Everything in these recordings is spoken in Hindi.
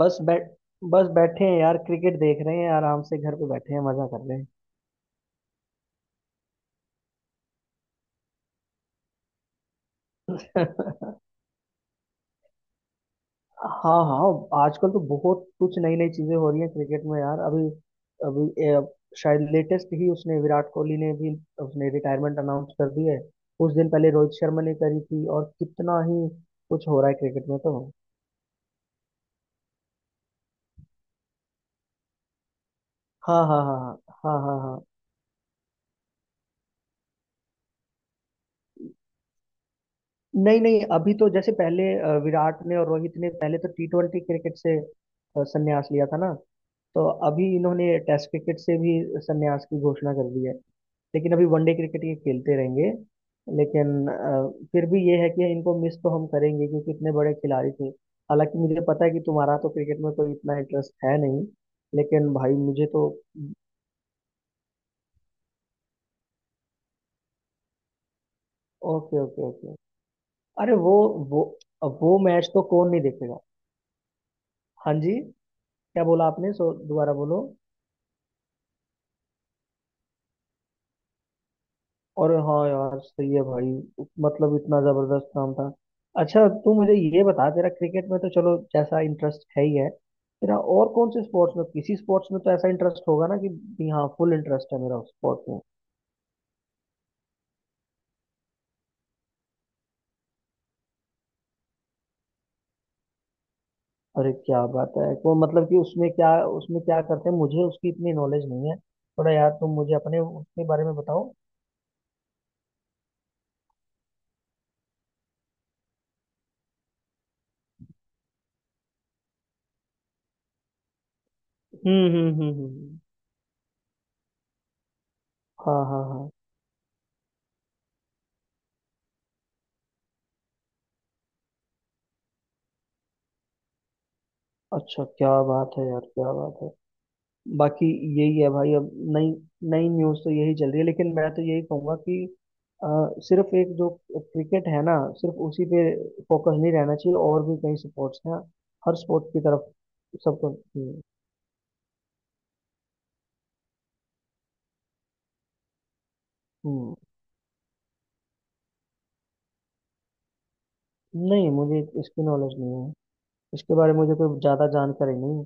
बस बैठ बस बैठे हैं यार। क्रिकेट देख रहे हैं, आराम से घर पे बैठे हैं, मजा कर रहे हैं। हाँ हाँ, आजकल तो बहुत कुछ नई नई चीजें हो रही हैं क्रिकेट में यार। अभी अभी शायद लेटेस्ट ही, उसने विराट कोहली ने भी उसने रिटायरमेंट अनाउंस कर दी है। कुछ दिन पहले रोहित शर्मा ने करी थी, और कितना ही कुछ हो रहा है क्रिकेट में तो। हाँ हाँ हाँ हाँ, हाँ हाँ हाँ। नहीं नहीं, अभी तो जैसे पहले विराट ने और रोहित ने पहले तो T20 क्रिकेट से संन्यास लिया था ना। तो अभी इन्होंने टेस्ट क्रिकेट से भी संन्यास की घोषणा कर दी है, लेकिन अभी वनडे क्रिकेट ये खेलते रहेंगे। लेकिन फिर भी ये है कि इनको मिस तो हम करेंगे, क्योंकि इतने बड़े खिलाड़ी थे। हालांकि मुझे पता है कि तुम्हारा तो क्रिकेट में कोई इतना इंटरेस्ट है नहीं, लेकिन भाई मुझे तो। Okay okay okay. अरे वो वो मैच तो कौन नहीं देखेगा। हाँ जी। क्या बोला आपने, सो दोबारा बोलो। और हाँ यार, सही है भाई। मतलब इतना जबरदस्त नाम था। अच्छा तू मुझे ये बता, तेरा क्रिकेट में तो चलो जैसा इंटरेस्ट है ही है, तेरा और कौन से स्पोर्ट्स में, किसी स्पोर्ट्स में तो ऐसा इंटरेस्ट होगा ना कि भी, हाँ फुल इंटरेस्ट है मेरा स्पोर्ट में। अरे क्या बात है। वो मतलब कि उसमें क्या, उसमें क्या करते हैं, मुझे उसकी इतनी नॉलेज नहीं है। थोड़ा यार तुम मुझे अपने उसके बारे में बताओ। हम्म हम्म हम्म हम्म, हम्म। हाँ हाँ हाँ। अच्छा क्या बात है यार, क्या बात है। बाकी यही है भाई अब। नई नई न्यूज़ तो यही चल रही है, लेकिन मैं तो यही कहूंगा कि अ, सिर्फ एक जो क्रिकेट है ना, सिर्फ उसी पे फोकस नहीं रहना चाहिए, और भी कई स्पोर्ट्स हैं। हर स्पोर्ट की तरफ सबको, हम्म, हम्म, नहीं मुझे इसकी नॉलेज नहीं है। इसके बारे में मुझे कोई ज़्यादा जानकारी नहीं है।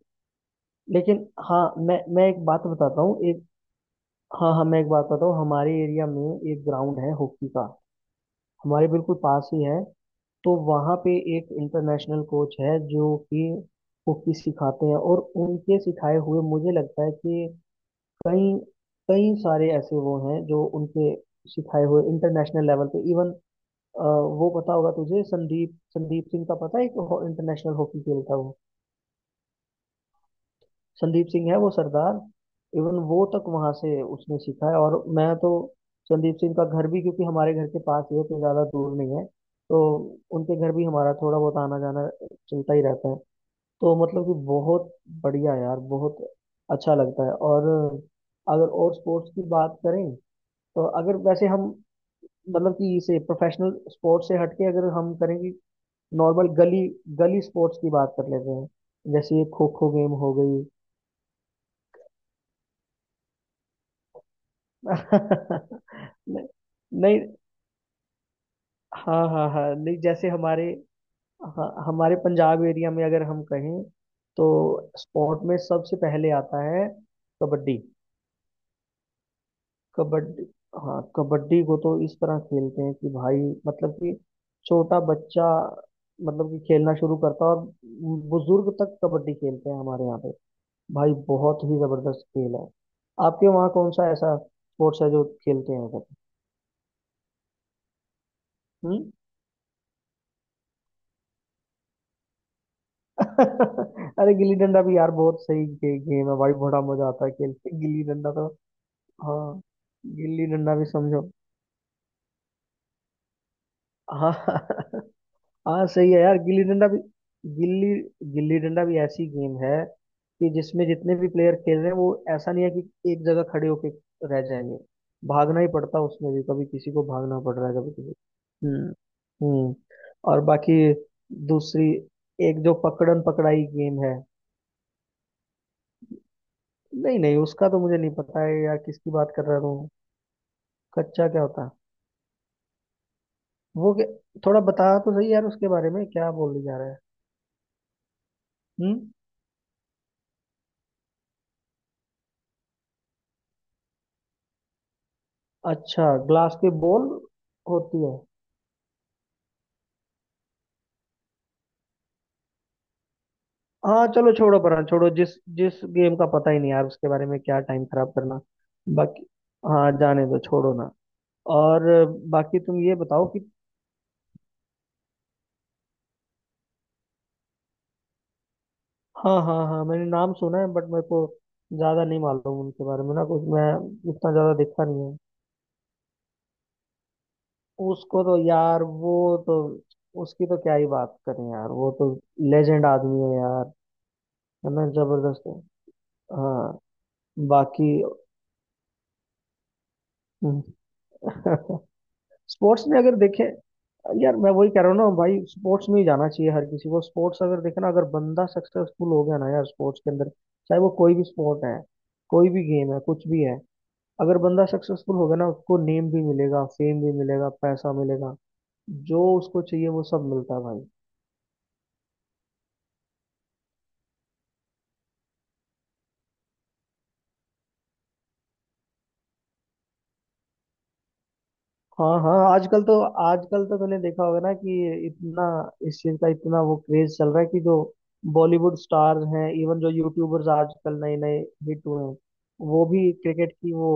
लेकिन हाँ, मैं एक बात बताता हूँ। एक, हाँ हाँ, मैं एक बात बताता हूँ। हमारे एरिया में एक ग्राउंड है हॉकी का, हमारे बिल्कुल पास ही है। तो वहाँ पे एक इंटरनेशनल कोच है जो कि कुकी सिखाते हैं, और उनके सिखाए हुए मुझे लगता है कि कई, कई सारे ऐसे वो हैं जो उनके सिखाए हुए इंटरनेशनल लेवल पे इवन। वो पता होगा तुझे, संदीप संदीप सिंह का पता है, एक इंटरनेशनल हॉकी खेलता है वो। संदीप सिंह है वो सरदार, इवन वो तक वहाँ से उसने सीखा है। और मैं तो संदीप सिंह का घर भी, क्योंकि हमारे घर के पास ही है, तो ज़्यादा दूर नहीं है। तो उनके घर भी हमारा थोड़ा बहुत आना जाना चलता ही रहता है। तो मतलब कि बहुत बढ़िया यार, बहुत अच्छा लगता है। और अगर और स्पोर्ट्स की बात करें, तो अगर वैसे हम, मतलब कि इसे प्रोफेशनल स्पोर्ट्स से हटके अगर हम करेंगे, नॉर्मल गली, गली स्पोर्ट्स की बात कर लेते हैं। जैसे ये खो खो गेम हो गई। नहीं, नहीं, हाँ हाँ हाँ। नहीं जैसे हमारे, हाँ, हमारे पंजाब एरिया में अगर हम कहें, तो स्पोर्ट में सबसे पहले आता है कबड्डी। कबड्डी, हाँ कबड्डी को तो इस तरह खेलते हैं कि भाई, मतलब कि छोटा बच्चा, मतलब कि खेलना शुरू करता है और बुजुर्ग तक कबड्डी खेलते हैं हमारे यहाँ पे भाई। बहुत ही जबरदस्त खेल है। आपके वहाँ कौन सा ऐसा स्पोर्ट्स है जो खेलते हैं सब? हम्म? अरे गिल्ली डंडा भी यार बहुत सही गेम है भाई। बड़ा मजा आता है खेल के गिल्ली डंडा तो। हाँ, गिल्ली डंडा भी समझो। हाँ। हाँ सही है यार, गिल्ली डंडा भी, गिल्ली, गिल्ली डंडा भी ऐसी गेम है कि जिसमें जितने भी प्लेयर खेल रहे हैं, वो ऐसा नहीं है कि एक जगह खड़े होके रह जाएंगे। भागना ही पड़ता है उसमें भी, कभी किसी को भागना पड़ रहा है, कभी किसी को। हम्म, हम्म। और बाकी दूसरी, एक जो पकड़न पकड़ाई गेम है। नहीं नहीं, उसका तो मुझे नहीं पता है यार, किसकी बात कर रहा हूँ। कच्चा क्या होता है? वो क्या- थोड़ा बता तो सही यार, उसके बारे में क्या बोलने जा रहा है। हम्म। अच्छा, ग्लास की बॉल होती है। हाँ चलो छोड़ो, पर छोड़ो, जिस जिस गेम का पता ही नहीं यार, उसके बारे में क्या टाइम खराब करना। बाकी, हाँ जाने दो, छोड़ो ना। और बाकी तुम ये बताओ कि, हाँ हाँ हाँ मैंने नाम सुना है, बट मेरे को ज्यादा नहीं मालूम उनके बारे में ना कुछ मैं। इतना ज्यादा देखा नहीं है उसको तो यार। वो तो, उसकी तो क्या ही बात करें यार, वो तो लेजेंड आदमी है यार। है ना, जबरदस्त है। हाँ। बाकी स्पोर्ट्स में अगर देखें यार, मैं वही कह रहा हूँ ना भाई, स्पोर्ट्स में ही जाना चाहिए हर किसी को। स्पोर्ट्स अगर देखे ना, अगर बंदा सक्सेसफुल हो गया ना यार स्पोर्ट्स के अंदर, चाहे वो कोई भी स्पोर्ट है, कोई भी गेम है, कुछ भी है, अगर बंदा सक्सेसफुल हो गया ना, उसको नेम भी मिलेगा, फेम भी मिलेगा, पैसा मिलेगा। जो उसको चाहिए वो सब मिलता है भाई। हाँ हाँ, आजकल तो, आजकल तो तूने देखा होगा ना कि इतना, इस चीज का इतना वो क्रेज चल रहा है कि जो बॉलीवुड स्टार हैं, इवन जो यूट्यूबर्स आजकल नए नए हिट हुए हैं, वो भी क्रिकेट की वो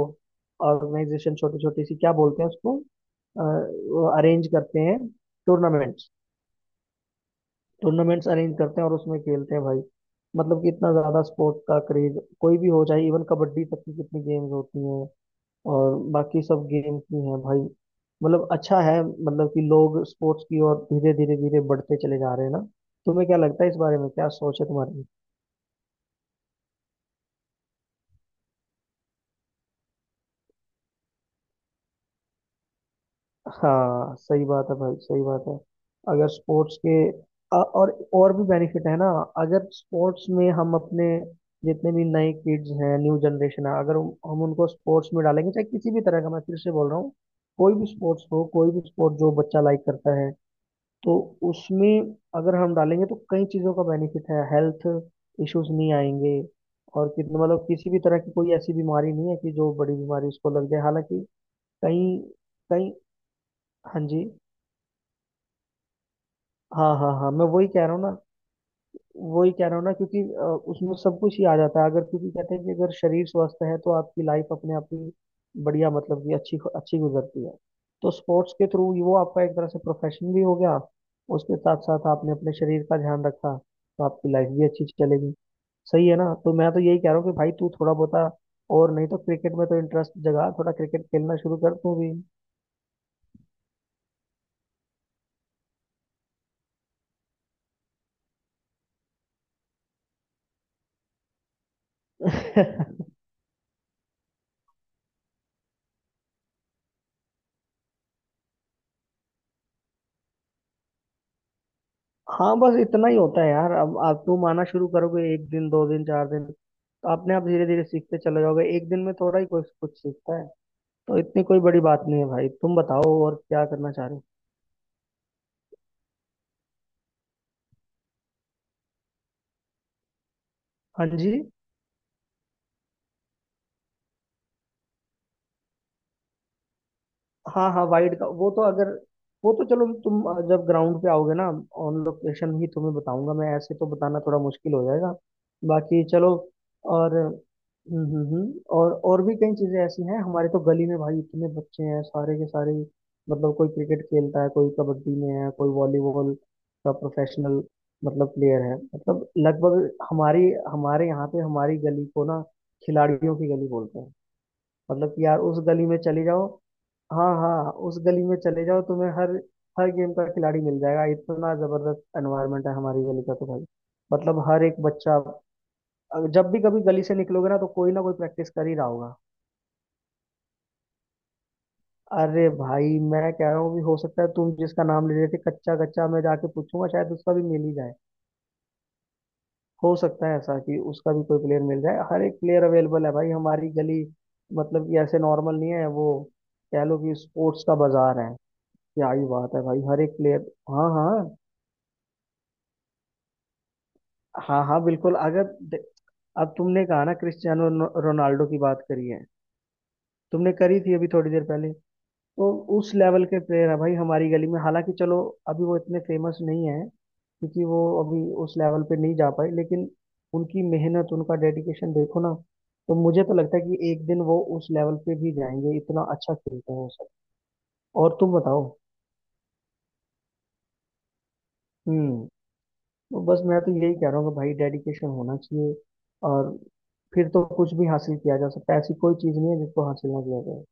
ऑर्गेनाइजेशन, छोटी छोटी सी क्या बोलते हैं उसको, अरेंज करते हैं टूर्नामेंट्स, टूर्नामेंट्स अरेंज करते हैं और उसमें खेलते हैं भाई। मतलब कि इतना ज्यादा स्पोर्ट का क्रेज, कोई भी हो, चाहे इवन कबड्डी तक की कितनी गेम्स होती हैं, और बाकी सब गेम की है भाई। मतलब अच्छा है, मतलब कि लोग स्पोर्ट्स की ओर धीरे धीरे धीरे बढ़ते चले जा रहे हैं ना। तुम्हें क्या लगता है इस बारे में, क्या सोच है तुम्हारी? हाँ सही बात है भाई, सही बात है। अगर स्पोर्ट्स के और भी बेनिफिट है ना। अगर स्पोर्ट्स में हम अपने जितने भी नए किड्स हैं, न्यू जनरेशन है, अगर हम उनको स्पोर्ट्स में डालेंगे, चाहे किसी भी तरह का, मैं फिर से बोल रहा हूँ, कोई भी स्पोर्ट्स हो, कोई भी स्पोर्ट जो बच्चा लाइक करता है, तो उसमें अगर हम डालेंगे, तो कई चीज़ों का बेनिफिट है। हेल्थ इश्यूज नहीं आएंगे, और कितना मतलब किसी भी तरह की कोई ऐसी बीमारी नहीं है कि जो बड़ी बीमारी उसको लग जाए। हालांकि कई, कई, हाँ जी, हाँ हाँ हाँ मैं वही कह रहा हूँ ना, वही कह रहा हूँ ना क्योंकि उसमें सब कुछ ही आ जाता है अगर। क्योंकि कहते हैं कि अगर शरीर स्वस्थ है, तो आपकी लाइफ अपने आप ही बढ़िया, मतलब कि अच्छी अच्छी गुजरती है। तो स्पोर्ट्स के थ्रू वो आपका एक तरह से प्रोफेशन भी हो गया, उसके साथ साथ आपने अपने शरीर का ध्यान रखा, तो आपकी लाइफ भी अच्छी चलेगी। सही है ना? तो मैं तो यही कह रहा हूँ कि भाई, तू थोड़ा बहुत, और नहीं तो क्रिकेट में तो इंटरेस्ट जगा, थोड़ा क्रिकेट खेलना शुरू कर तू भी। हाँ बस इतना ही होता है यार। अब आप, तुम आना शुरू करोगे एक दिन, दो दिन, चार दिन, तो अपने आप धीरे धीरे सीखते चले जाओगे। एक दिन में थोड़ा ही कुछ कुछ सीखता है, तो इतनी कोई बड़ी बात नहीं है भाई। तुम बताओ और क्या करना चाह रहे हो। हाँ जी। हाँ हाँ, वाइड का वो तो अगर, वो तो चलो तुम, जब ग्राउंड पे आओगे ना, ऑन लोकेशन ही तुम्हें बताऊंगा मैं। ऐसे तो बताना थोड़ा मुश्किल हो जाएगा। बाकी चलो, और भी कई चीजें ऐसी हैं। हमारे तो गली में भाई इतने बच्चे हैं, सारे के सारे, मतलब कोई क्रिकेट खेलता है, कोई कबड्डी में है, कोई वॉलीबॉल का प्रोफेशनल, मतलब प्लेयर है। मतलब लगभग हमारी हमारे यहाँ पे हमारी गली को ना खिलाड़ियों की गली बोलते हैं। मतलब कि यार उस गली में चले जाओ, हाँ हाँ उस गली में चले जाओ, तुम्हें हर, हर गेम का खिलाड़ी मिल जाएगा। इतना जबरदस्त एनवायरनमेंट है हमारी गली का तो भाई। मतलब हर एक बच्चा, जब भी कभी गली से निकलोगे ना, तो कोई ना कोई प्रैक्टिस कर ही रहा होगा। अरे भाई मैं कह रहा हूँ, भी हो सकता है तुम जिसका नाम ले रहे थे कच्चा, कच्चा मैं जाके पूछूंगा, शायद उसका भी मिल ही जाए। हो सकता है ऐसा कि उसका भी कोई प्लेयर मिल जाए। हर एक प्लेयर अवेलेबल है भाई हमारी गली, मतलब कि ऐसे नॉर्मल नहीं है वो। कह लो कि स्पोर्ट्स का बाजार है। क्या ही बात है भाई, हर एक प्लेयर। हाँ हाँ। हाँ हाँ बिल्कुल, अगर दे- अब तुमने कहा ना, रोनाल्डो की बात करी है तुमने, करी थी अभी थोड़ी देर पहले। तो उस लेवल के प्लेयर है भाई हमारी गली में। हालांकि चलो अभी वो इतने फेमस नहीं है, क्योंकि वो अभी उस लेवल पे नहीं जा पाए, लेकिन उनकी मेहनत, उनका डेडिकेशन देखो ना, तो मुझे तो लगता है कि एक दिन वो उस लेवल पे भी जाएंगे। इतना अच्छा खेलते हैं वो सब। और तुम बताओ। हम्म। तो बस मैं तो यही कह रहा हूँ कि भाई, डेडिकेशन होना चाहिए, और फिर तो कुछ भी हासिल किया जा सकता है। ऐसी कोई चीज़ नहीं है जिसको हासिल ना किया जाए।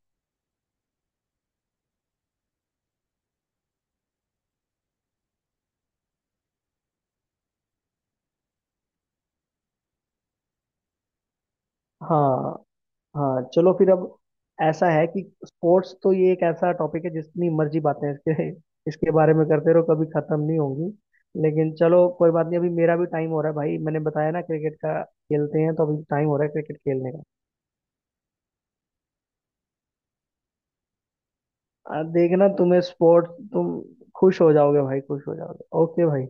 हाँ हाँ, चलो फिर अब ऐसा है कि स्पोर्ट्स तो ये एक ऐसा टॉपिक है, जितनी मर्जी बातें इसके इसके बारे में करते रहो, कभी खत्म नहीं होंगी। लेकिन चलो कोई बात नहीं, अभी मेरा भी टाइम हो रहा है भाई, मैंने बताया ना क्रिकेट का खेलते हैं, तो अभी टाइम हो रहा है क्रिकेट खेलने का। आ, देखना तुम्हें स्पोर्ट्स, तुम खुश हो जाओगे भाई, खुश हो जाओगे। ओके भाई।